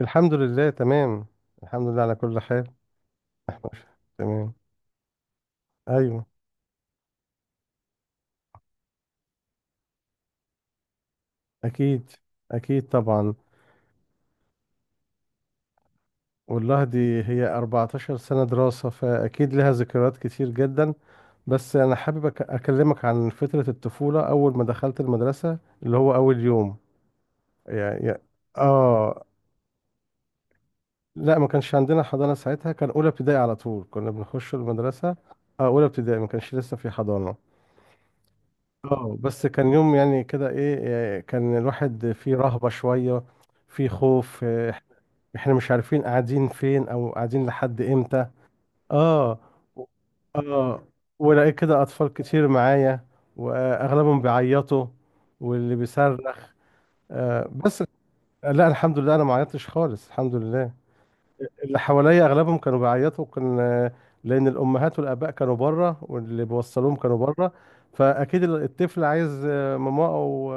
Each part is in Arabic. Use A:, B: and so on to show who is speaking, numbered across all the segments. A: الحمد لله تمام. الحمد لله على كل حال. تمام. ايوه، اكيد، اكيد طبعا. والله دي هي 14 سنة دراسة، فاكيد لها ذكريات كتير جدا. بس انا حابب اكلمك عن فترة الطفولة اول ما دخلت المدرسة اللي هو اول يوم. يعني اه لا، ما كانش عندنا حضانة ساعتها، كان اولى ابتدائي على طول كنا بنخش المدرسة. اه اولى ابتدائي، ما كانش لسه في حضانة. اه بس كان يوم يعني كده ايه. كان الواحد فيه رهبة شوية، فيه خوف، احنا مش عارفين قاعدين فين او قاعدين لحد امتى. اه اه. ولقيت كده اطفال كتير معايا، واغلبهم بيعيطوا واللي بيصرخ. آه بس لا الحمد لله انا ما عيطتش خالص، الحمد لله. اللي حواليا اغلبهم كانوا بيعيطوا، كان لان الامهات والاباء كانوا بره، واللي بيوصلوهم كانوا بره. فاكيد الطفل عايز ماما او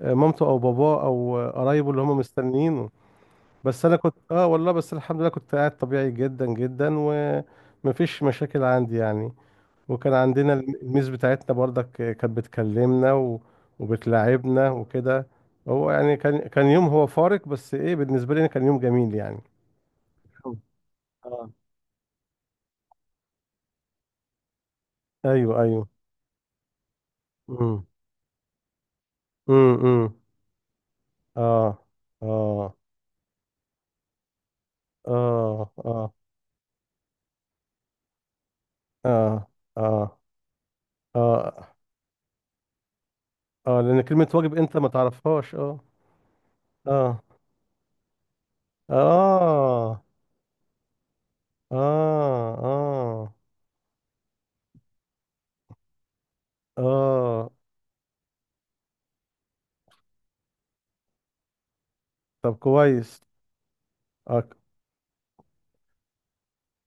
A: آه، مامته او باباه او قرايبه اللي هم مستنيينه. بس انا كنت اه والله بس الحمد لله كنت قاعد طبيعي جدا جدا، ومفيش مشاكل عندي يعني. وكان عندنا الميز بتاعتنا برضك، كانت بتكلمنا وبتلاعبنا وكده. هو يعني كان يوم هو فارق، بس ايه بالنسبه لي أنا كان يوم جميل يعني. اه ايوه ايوه. امم امم. اه اه. اه اه. اه اه اه اه. لان كلمة واجب انت ما تعرفهاش، اه اه اه. اه اه اه. طب كويس. اه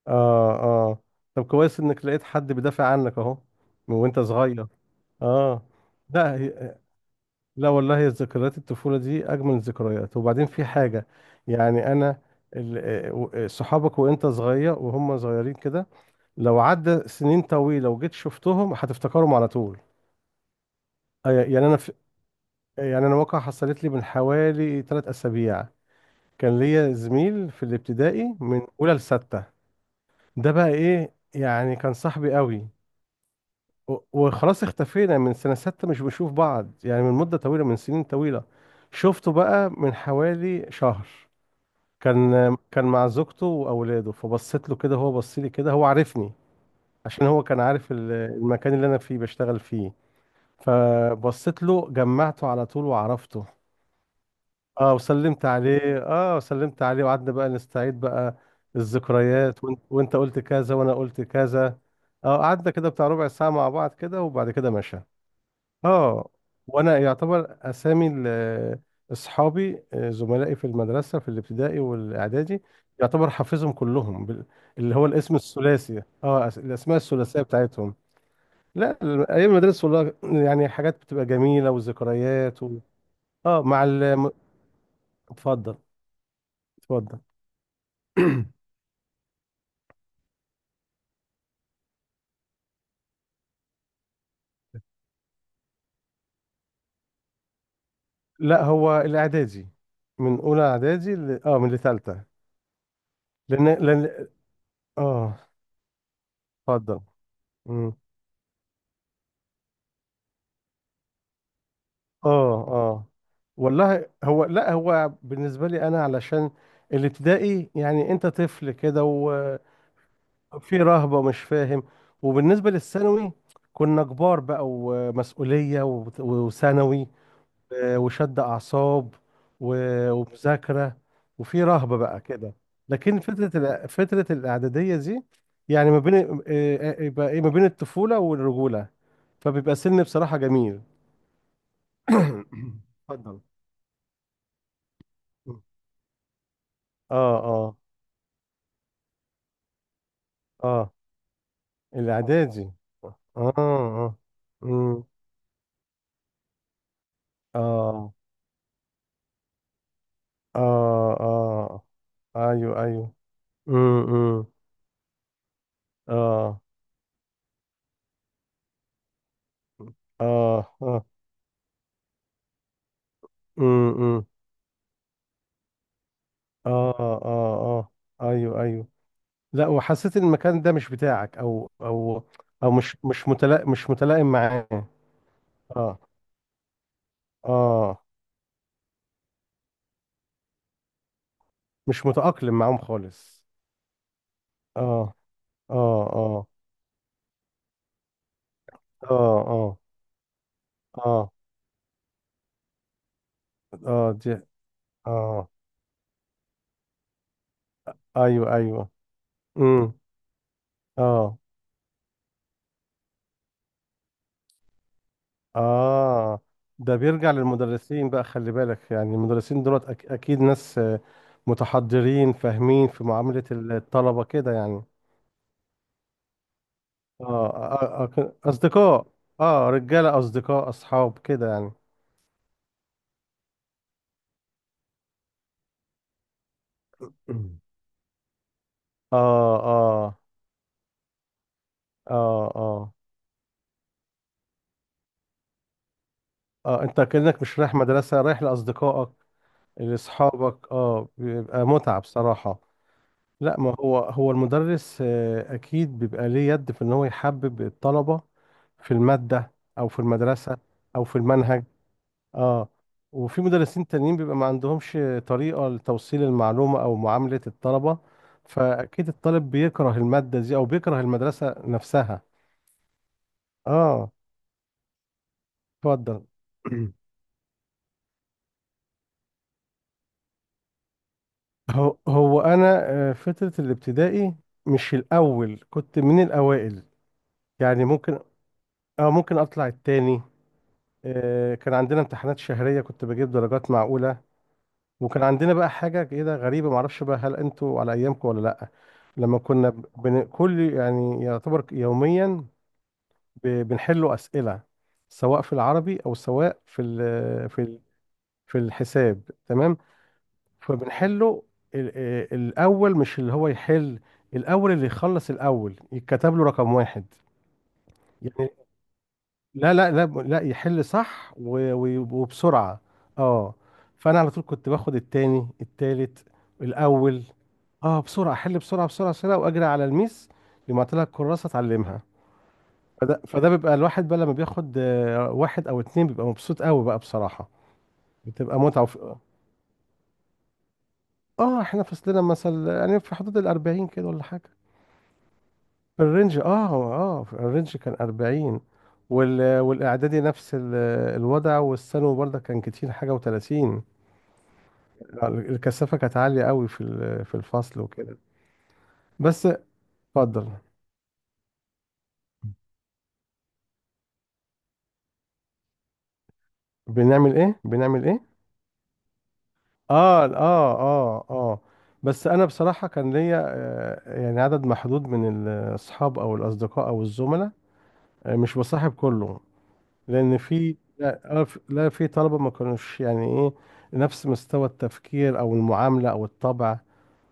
A: اه. آه. طب كويس انك لقيت حد بيدافع عنك اهو، من وانت صغير. اه. لا، لا والله ذكريات الطفولة دي أجمل الذكريات، وبعدين في حاجة يعني أنا ال- صحابك وأنت صغير وهم صغيرين كده، لو عدى سنين طويلة وجيت شفتهم هتفتكرهم على طول. آه، يعني أنا في يعني أنا واقعة حصلت لي من حوالي ثلاث أسابيع. كان ليا زميل في الابتدائي من أولى لستة. ده بقى إيه يعني، كان صاحبي قوي، وخلاص اختفينا من سنة ستة، مش بنشوف بعض يعني من مدة طويلة، من سنين طويلة. شفته بقى من حوالي شهر. كان مع زوجته واولاده، فبصيت له كده، هو بص لي كده، هو عارفني عشان هو كان عارف المكان اللي انا فيه بشتغل فيه. فبصيت له، جمعته على طول وعرفته. اه وسلمت عليه وقعدنا بقى نستعيد بقى الذكريات، وانت وانت قلت كذا وانا قلت كذا. اه قعدنا كده بتاع ربع ساعة مع بعض كده، وبعد كده مشى. اه وانا يعتبر اسامي اصحابي، زملائي في المدرسه في الابتدائي والاعدادي، يعتبر حافظهم كلهم اللي هو الاسم الثلاثي، الاسماء الثلاثيه بتاعتهم. لا ايام المدرسه والله، يعني حاجات بتبقى جميله وذكريات. و... اه مع ال... اتفضل. اتفضل. لا هو الاعدادي، من اولى اعدادي ل... اه من لثالثه. لان اه. اتفضل. اه اه. والله هو لا هو بالنسبة لي أنا علشان الابتدائي يعني أنت طفل كده، وفي رهبة ومش فاهم. وبالنسبة للثانوي كنا كبار بقى ومسؤولية، وثانوي، وشد أعصاب ومذاكرة، وفي رهبة بقى كده. لكن فترة الإعدادية دي يعني ما بين يبقى إيه ما بين الطفولة والرجولة، فبيبقى سن بصراحة جميل. اتفضل. اه اه اه. الاعدادي. اه اه. امم. اه اه اه. ايوه ايوه. امم. اه اه اه. امم. اه اه اه. ايوه ايوه. لا وحسيت ان المكان ده مش بتاعك او مش مش متلائم، مش متلائم معاه. اه اه. مش متأقلم معاهم خالص. اه اه اه اه اه اه اه دي. اه ايوه ايوه. امم. اه اه. ده بيرجع للمدرسين بقى، خلي بالك يعني المدرسين دولت اكيد ناس متحضرين، فاهمين في معاملة الطلبة كده يعني. اه اصدقاء. اه رجالة، اصدقاء، اصحاب كده يعني. مم. اه اه اه اه اه. انت كأنك مش رايح مدرسة، رايح لأصدقائك لأصحابك، اه بيبقى متعة بصراحة. لا ما هو هو المدرس أكيد بيبقى ليه يد في إن هو يحبب الطلبة في المادة أو في المدرسة أو في المنهج. اه وفي مدرسين تانيين بيبقى ما عندهمش طريقة لتوصيل المعلومة أو معاملة الطلبة، فأكيد الطالب بيكره المادة دي أو بيكره المدرسة نفسها. اه. اتفضل. هو أنا فترة الابتدائي مش الأول، كنت من الأوائل. يعني ممكن اه ممكن أطلع التاني. كان عندنا امتحانات شهرية، كنت بجيب درجات معقولة. وكان عندنا بقى حاجة كده غريبة، معرفش بقى هل انتوا على أيامكم ولا لأ. كل يعني يعتبر يوميا بنحلوا أسئلة، سواء في العربي أو سواء في الحساب تمام. فبنحله الأول مش اللي هو يحل، الأول اللي يخلص الأول يتكتب له رقم واحد. يعني لا يحل صح وبسرعة. اه فأنا على طول كنت باخد التاني الأول. اه بسرعه احل بسرعه واجري على الميس، لما طلع الكراسه اتعلمها. فده بيبقى الواحد بقى لما بياخد واحد او اتنين، بيبقى مبسوط قوي بقى بصراحه، بتبقى متعه. وف... اه احنا فصلنا مثلا يعني في حدود ال 40 كده ولا حاجه، في الرينج اه. اه في الرينج كان 40. والاعدادي نفس ال... الوضع، والثانوي برضه كان كتير حاجه و30. الكثافه كانت عاليه قوي في الفصل وكده. بس. اتفضل. بنعمل ايه بنعمل ايه. اه اه اه اه. بس انا بصراحه كان ليا يعني عدد محدود من الاصحاب او الاصدقاء او الزملاء، مش بصاحب كله، لان في لا في طلبه ما كانوش يعني ايه نفس مستوى التفكير او المعامله او الطبع.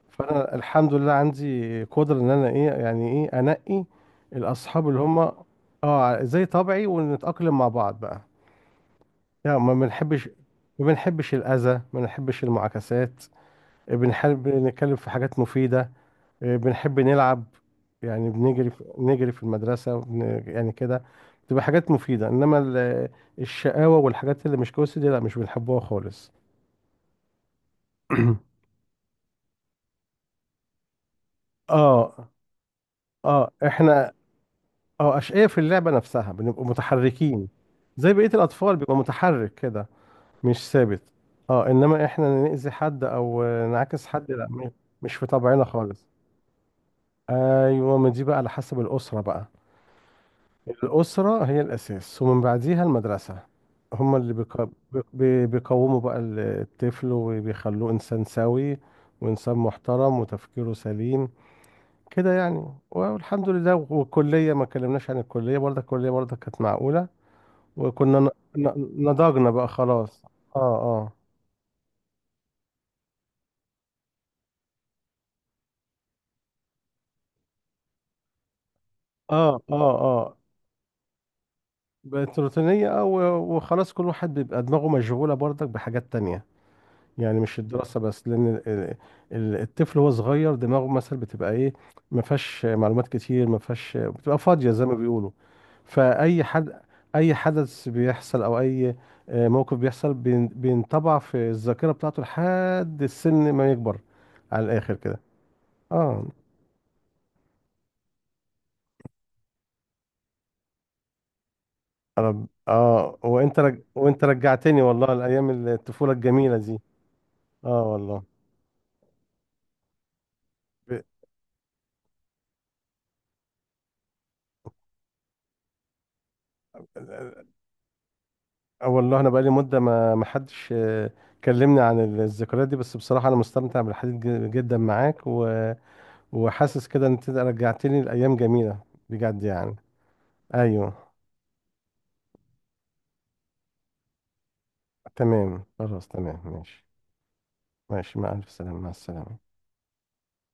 A: فانا الحمد لله عندي قدره ان انا ايه يعني ايه انقي الاصحاب اللي هم اه زي طبعي ونتاقلم مع بعض بقى. يعني ما بنحبش، ما بنحبش الاذى، ما بنحبش المعاكسات. بنحب نتكلم في حاجات مفيدة، بنحب نلعب، يعني بنجري في نجري في المدرسة يعني كده، بتبقى حاجات مفيدة. إنما الشقاوة والحاجات اللي مش كويسة دي لا مش بنحبوها خالص. اه اه. احنا اه أشقياء في اللعبة نفسها، بنبقى متحركين زي بقية الأطفال، بيبقى متحرك كده مش ثابت. اه إنما احنا نأذي حد أو نعاكس حد، لا مش في طبعنا خالص. أيوة، ما دي بقى على حسب الأسرة بقى، الأسرة هي الأساس ومن بعديها المدرسة، هما اللي بيق- بي- بيقوموا بقى الطفل وبيخلوه إنسان سوي وإنسان محترم وتفكيره سليم كده يعني. والحمد لله. والكلية، ما اتكلمناش عن الكلية برضه، الكلية برضه كانت معقولة، وكنا نضجنا بقى خلاص. اه اه اه اه اه. بقت روتينية اه، وخلاص كل واحد بيبقى دماغه مشغولة برضك بحاجات تانية، يعني مش الدراسة بس. لأن الطفل وهو صغير دماغه مثلا بتبقى إيه، ما فيهاش معلومات كتير، ما فيهاش، بتبقى فاضية زي ما بيقولوا. فأي حد، أي حدث بيحصل أو أي موقف بيحصل بينطبع في الذاكرة بتاعته لحد السن ما يكبر، على الآخر كده. آه. وأنت رجعتني والله لأيام الطفولة الجميلة دي. آه. والله اه والله انا بقالي مده، ما ما حدش كلمني عن الذكريات دي، بس بصراحه انا مستمتع بالحديث جدا معاك، و... وحاسس كده ان انت رجعتني لايام جميله، بجد يعني. ايوه. تمام، خلاص تمام، ماشي. ماشي، مع الف سلامه، مع السلامه.